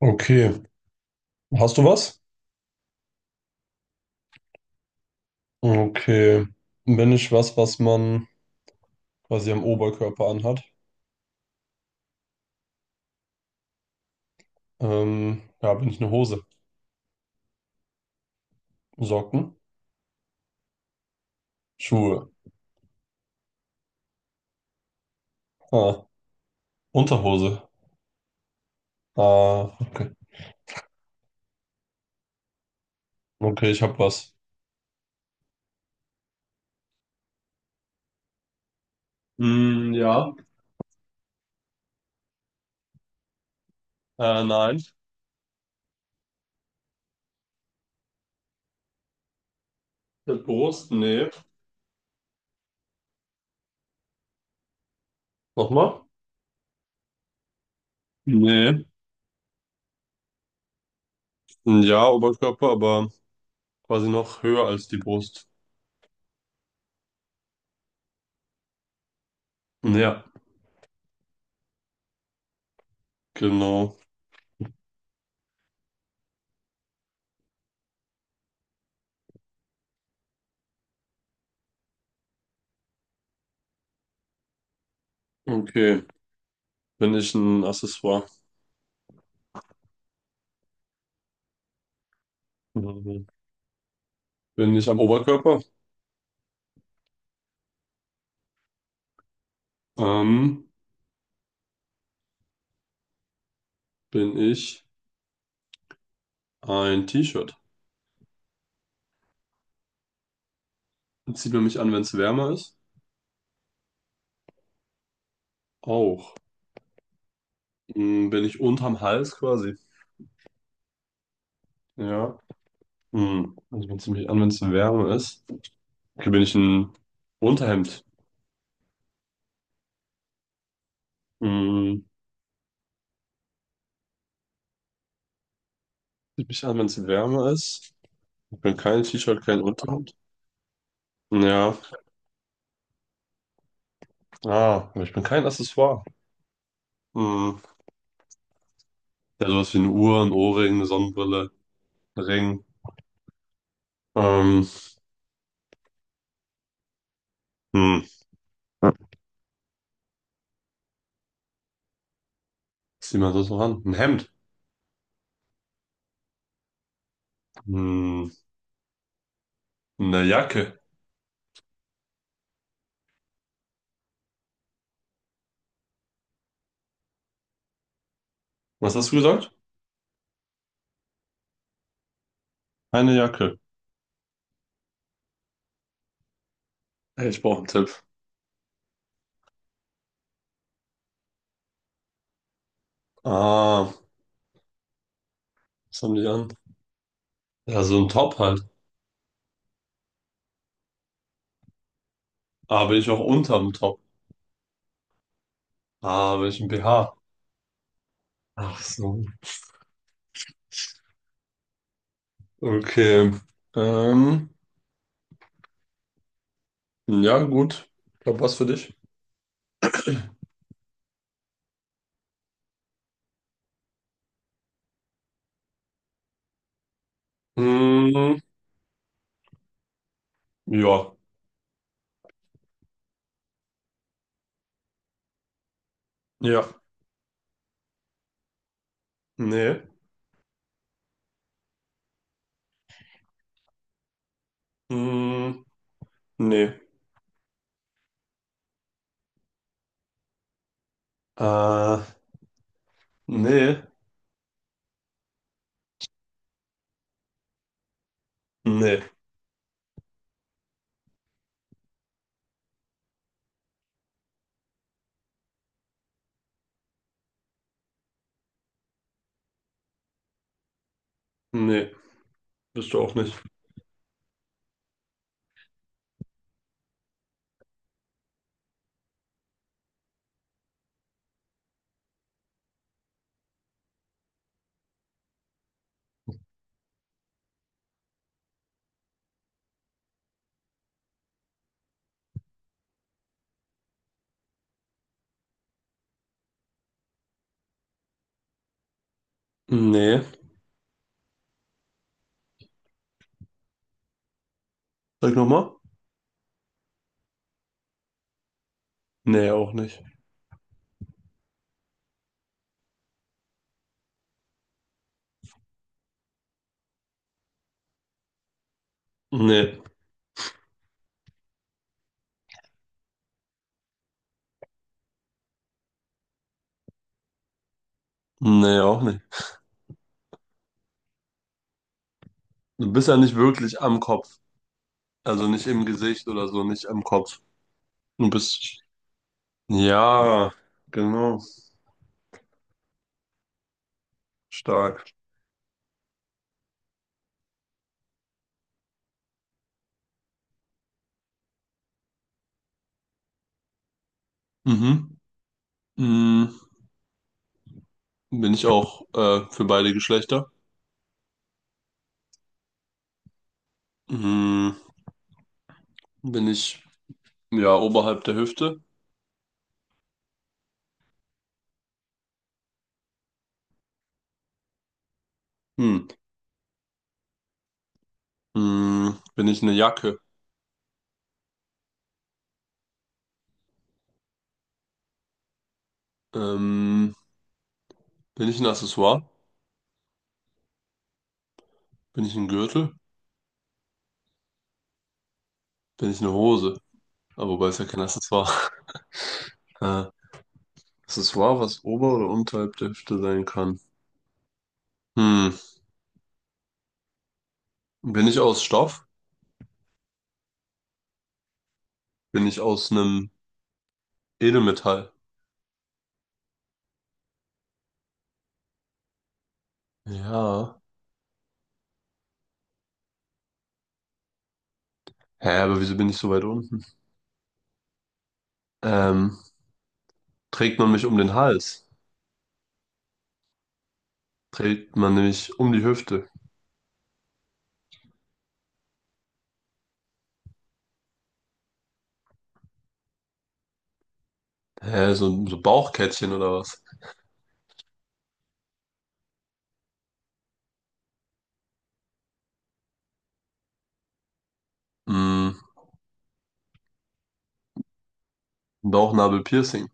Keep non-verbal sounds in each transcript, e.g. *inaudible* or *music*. Okay. Hast du was? Okay. Bin ich was, was man quasi am Oberkörper anhat? Ja, bin ich eine Hose? Socken? Schuhe? Ah, Unterhose? Ah, okay. Okay, ich hab was. Mm, ja. Nein. Mit Brust? Nee. Nochmal? Nee. Ja, Oberkörper, aber quasi noch höher als die Brust. Ja, genau. Okay. Bin ich ein Accessoire? Mhm. Bin ich am Oberkörper? Ähm, bin ich Ein T-Shirt? Zieht man mich an, wenn es wärmer ist? Auch. Hm, bin ich unterm Hals quasi? Ja. Hm. Also man zieht mich an, wenn es wärmer ist. Okay, bin ich ein Unterhemd? Hm. Zieht mich an, wenn es wärmer ist? Ich bin kein T-Shirt, kein Unterhemd. Ja. Ah, aber ich bin kein Accessoire. Hm. Ja, sowas wie eine Uhr, ein Ohrring, eine Sonnenbrille, ein Ring. Ähm, hm. Was zieht man sonst noch an? Ein Hemd. Hm. Eine Jacke. Was hast du gesagt? Eine Jacke. Ey, ich brauche einen Tipp. Ah, was haben die an? Ja, so ein Top halt. Ah, bin ich auch unterm Top. Ah, bin ich ein BH? Ach so. Okay. Ähm, ja, gut. Ich glaube, was für dich? Mm, ja. Ja. Nee. Mm, nee. Äh, nee. Nee. Nee. Bist du auch nicht. Nee. Sag nochmal. Nee, auch nicht. Nee. Nee, auch nicht. Du bist ja nicht wirklich am Kopf. Also nicht im Gesicht oder so, nicht am Kopf. Du bist. Ja, genau. Stark. Mhm. Mhm. Bin ich auch für beide Geschlechter? Mhm. Bin ich, ja, oberhalb der Hüfte? Hm. Mhm. Bin ich eine Jacke? Ähm, Bin ich ein Accessoire? Bin ich ein Gürtel? Bin ich eine Hose? Aber wobei ist ja kein Accessoire. *laughs* Äh, Accessoire, was ober- oder unterhalb der Hüfte sein kann. Hm. Bin ich aus Stoff? Bin ich aus einem Edelmetall? Ja. Hä, aber wieso bin ich so weit unten? Ähm, Trägt man mich um den Hals? Trägt man nämlich um die Hüfte? Hä, so, so Bauchkettchen oder was? Hm, Bauchnabel-Piercing.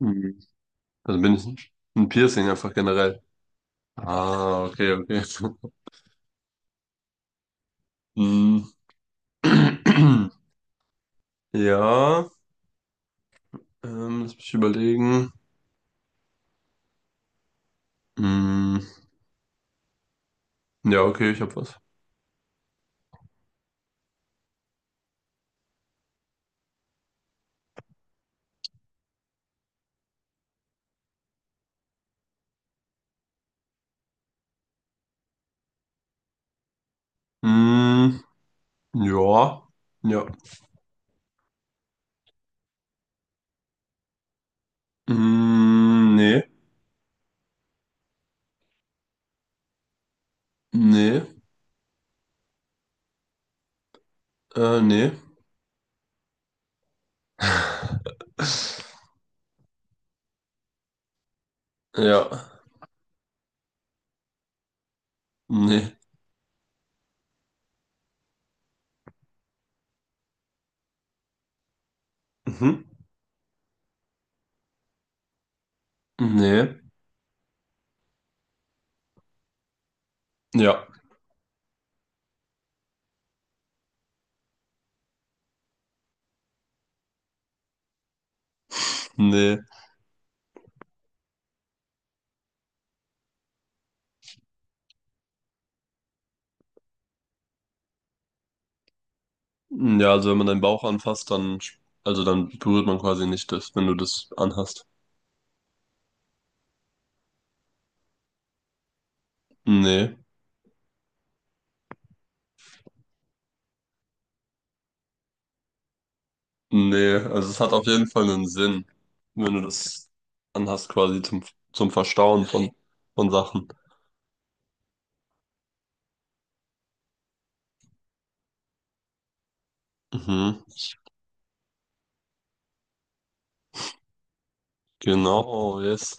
Hm. Also bin ich ein Piercing einfach generell. Ah, okay, okay. *laughs* Hm. *clears throat* Ja, lass mich überlegen. Hm. Ja, okay, ich hab was. Hm. Ja, ja. Hm, nee, nee, nee. *laughs* Ja, nee. Mhm. Nee. Ja, nee. Ja, also wenn man deinen Bauch anfasst, dann, also dann berührt man quasi nicht das, wenn du das anhast. Nee, nee, also es hat auf jeden Fall einen Sinn, wenn du das anhast, quasi zum, zum Verstauen von Sachen. Mhm, genau, yes.